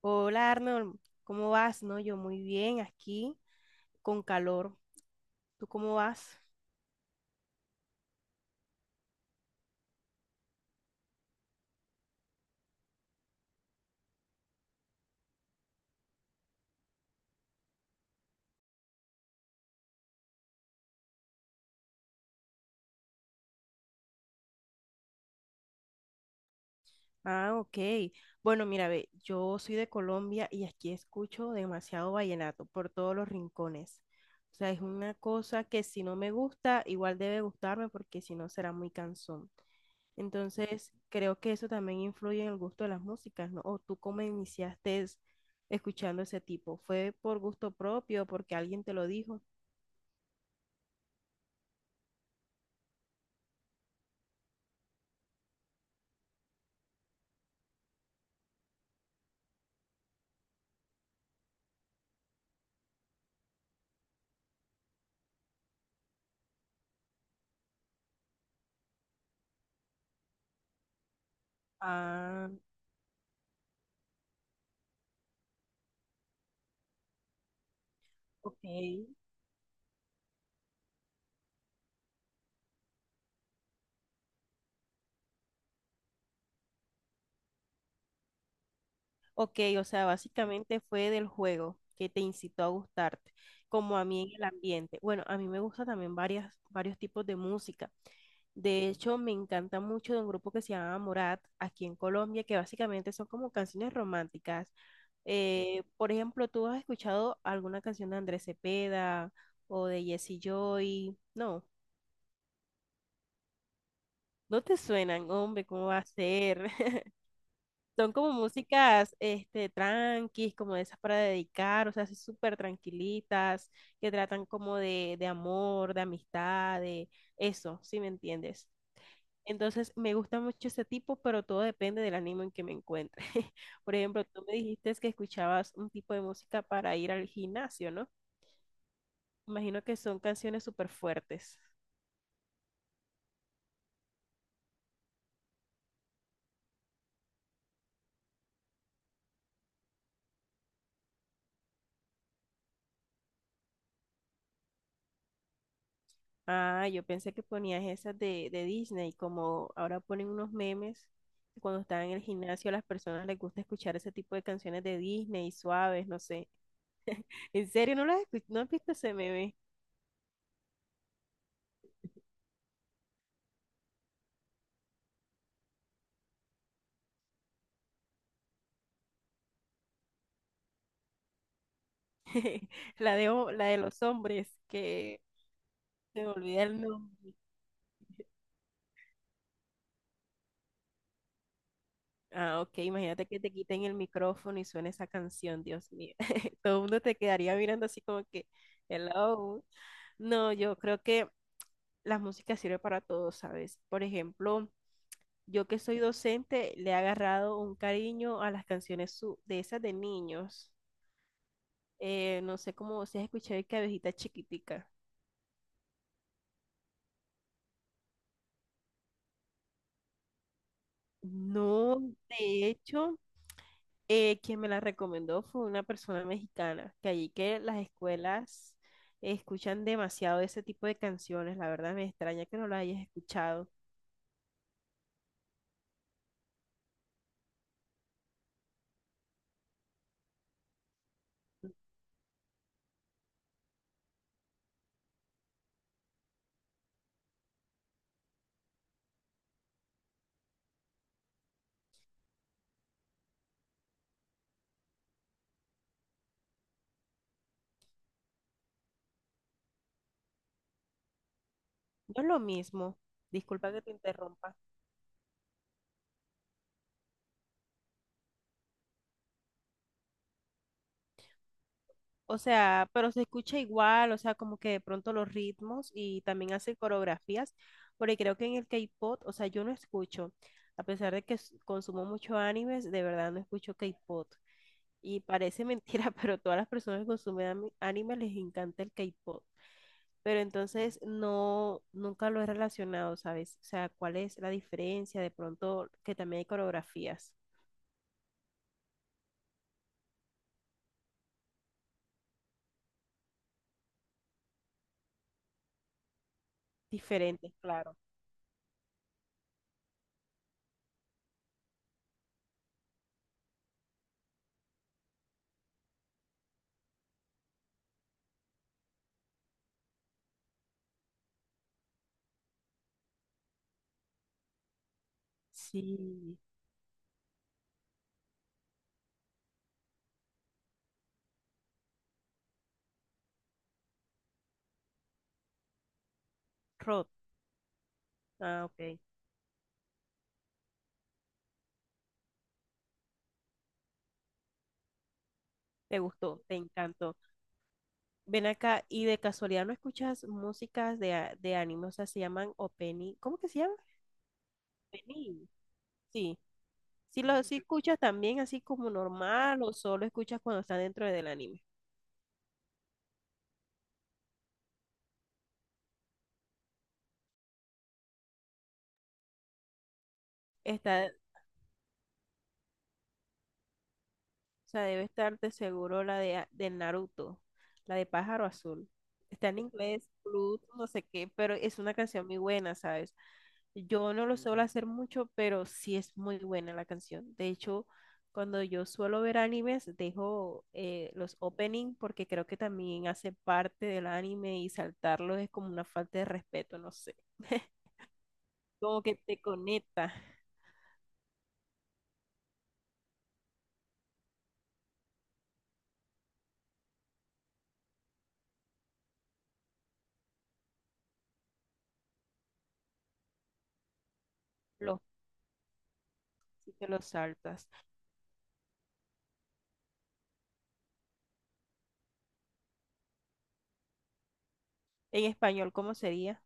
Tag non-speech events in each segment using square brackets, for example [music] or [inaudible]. Hola Arnold, ¿cómo vas? No, yo muy bien, aquí con calor. ¿Tú cómo vas? Ah, ok. Bueno, mira, ve, yo soy de Colombia y aquí escucho demasiado vallenato por todos los rincones. O sea, es una cosa que si no me gusta, igual debe gustarme porque si no será muy cansón. Entonces, creo que eso también influye en el gusto de las músicas, ¿no? ¿O tú cómo iniciaste escuchando ese tipo? ¿Fue por gusto propio, porque alguien te lo dijo? Ah, ok. Ok, o sea, básicamente fue del juego que te incitó a gustarte, como a mí en el ambiente. Bueno, a mí me gusta también varios tipos de música. De hecho, me encanta mucho de un grupo que se llama Morat, aquí en Colombia, que básicamente son como canciones románticas. Por ejemplo, ¿tú has escuchado alguna canción de Andrés Cepeda o de Jesse Joy? No, no te suenan, hombre, ¿cómo va a ser? [laughs] Son como músicas, tranquis, como de esas para dedicar, o sea, así súper tranquilitas, que tratan como de amor, de amistad, de eso, ¿sí me entiendes? Entonces, me gusta mucho ese tipo, pero todo depende del ánimo en que me encuentre. [laughs] Por ejemplo, tú me dijiste que escuchabas un tipo de música para ir al gimnasio, ¿no? Imagino que son canciones súper fuertes. Ah, yo pensé que ponías esas de Disney, como ahora ponen unos memes, que cuando están en el gimnasio a las personas les gusta escuchar ese tipo de canciones de Disney, suaves, no sé. ¿En serio no las escu- ¿No has visto ese meme? [laughs] La de, la de los hombres, que se me olvida el nombre. Ah, ok, imagínate que te quiten el micrófono y suene esa canción, Dios mío. [laughs] Todo el mundo te quedaría mirando así como que, hello. No, yo creo que la música sirve para todo, ¿sabes? Por ejemplo, yo que soy docente, le he agarrado un cariño a las canciones de esas de niños. No sé cómo se escuchado de Cabecita Chiquitica. No, de hecho, quien me la recomendó fue una persona mexicana, que allí que las escuelas escuchan demasiado ese tipo de canciones. La verdad me extraña que no las hayas escuchado. No es lo mismo. Disculpa que te interrumpa. O sea, pero se escucha igual, o sea, como que de pronto los ritmos y también hace coreografías, porque creo que en el K-pop, o sea, yo no escucho, a pesar de que consumo mucho animes, de verdad no escucho K-pop. Y parece mentira, [laughs] pero todas las personas que consumen anime les encanta el K-pop. Pero entonces no, nunca lo he relacionado, ¿sabes? O sea, ¿cuál es la diferencia? De pronto que también hay coreografías diferentes, claro. Sí, Rod. Ah, ok. Te gustó, te encantó. Ven acá, y de casualidad no escuchas músicas de, de anime, o sea, se llaman opening. ¿Cómo que se llama? Opening. Sí. Si lo si escuchas también así como normal o solo escuchas cuando está dentro del anime. Está, o sea, debe estar de seguro la de, de Naruto, la de Pájaro Azul. Está en inglés, Blue, no sé qué, pero es una canción muy buena, ¿sabes? Yo no lo suelo hacer mucho, pero sí es muy buena la canción. De hecho, cuando yo suelo ver animes, dejo los opening porque creo que también hace parte del anime y saltarlos es como una falta de respeto, no sé. [laughs] Como que te conecta los si te los saltas. En español, ¿cómo sería?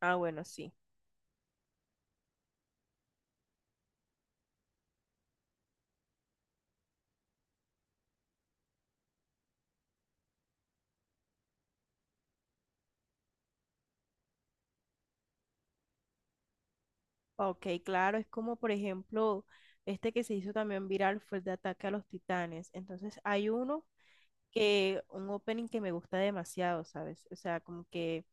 Ah, bueno, sí. Ok, claro, es como por ejemplo este que se hizo también viral fue el de Ataque a los Titanes. Entonces hay uno que, un opening que me gusta demasiado, ¿sabes? O sea, como que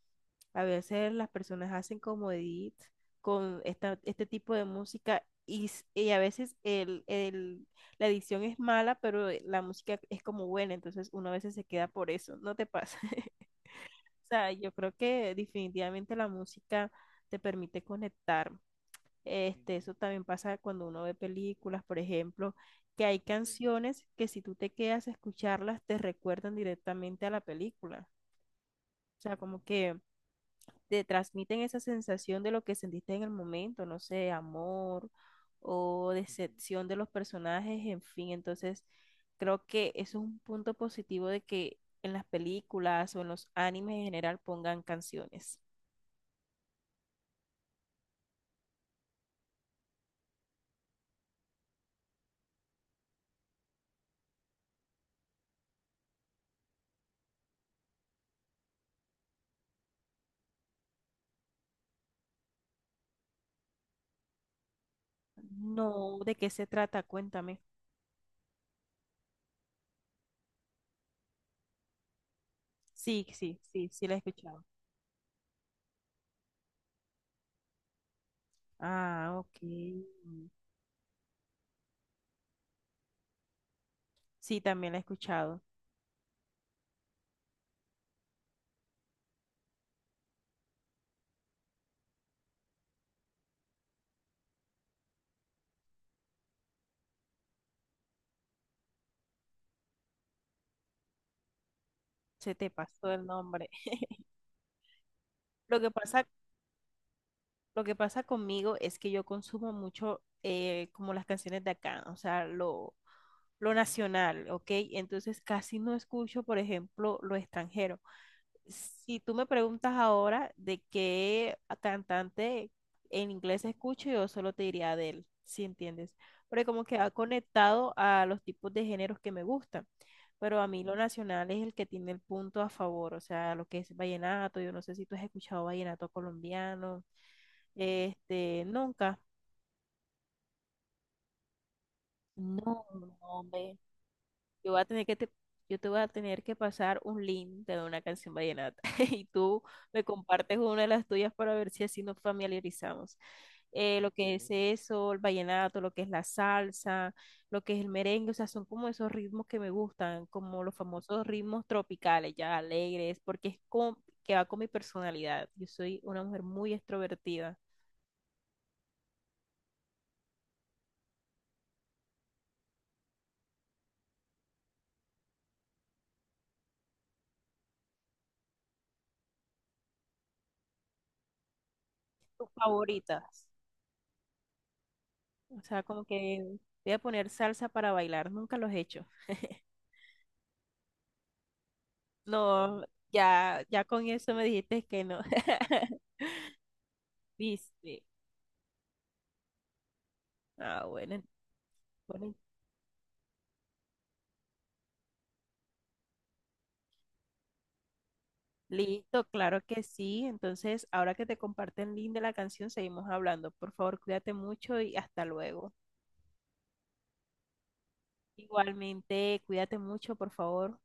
a veces las personas hacen como edit con esta, este tipo de música y, y a veces la edición es mala, pero la música es como buena, entonces uno a veces se queda por eso, ¿no te pasa? [laughs] O sea, yo creo que definitivamente la música te permite conectar. Este, eso también pasa cuando uno ve películas, por ejemplo, que hay canciones que si tú te quedas a escucharlas te recuerdan directamente a la película. O sea, como que te transmiten esa sensación de lo que sentiste en el momento, no sé, amor o decepción de los personajes, en fin. Entonces, creo que eso es un punto positivo de que en las películas o en los animes en general pongan canciones. No, ¿de qué se trata? Cuéntame. Sí, sí, sí, sí la he escuchado. Ah, ok. Sí, también la he escuchado. Se te pasó el nombre. Lo que pasa, lo que pasa conmigo es que yo consumo mucho como las canciones de acá, o sea, lo nacional, ¿ok? Entonces casi no escucho, por ejemplo, lo extranjero. Si tú me preguntas ahora de qué cantante en inglés escucho, yo solo te diría Adele, si entiendes. Porque como que ha conectado a los tipos de géneros que me gustan. Pero a mí lo nacional es el que tiene el punto a favor, o sea, lo que es vallenato. Yo no sé si tú has escuchado vallenato colombiano. Este, nunca. No, no, hombre, Yo voy a tener que te, yo te voy a tener que pasar un link de una canción vallenata [laughs] y tú me compartes una de las tuyas para ver si así nos familiarizamos. Lo que es eso, el vallenato, lo que es la salsa, lo que es el merengue, o sea, son como esos ritmos que me gustan, como los famosos ritmos tropicales, ya alegres, porque es como que va con mi personalidad. Yo soy una mujer muy extrovertida. Tus favoritas, o sea, como que voy a poner salsa para bailar, nunca los he hecho. [laughs] No, ya, ya con eso me dijiste que no. [laughs] ¿Viste? Ah, bueno, bueno, listo, claro que sí. Entonces, ahora que te comparto el link de la canción, seguimos hablando. Por favor, cuídate mucho y hasta luego. Igualmente, cuídate mucho, por favor.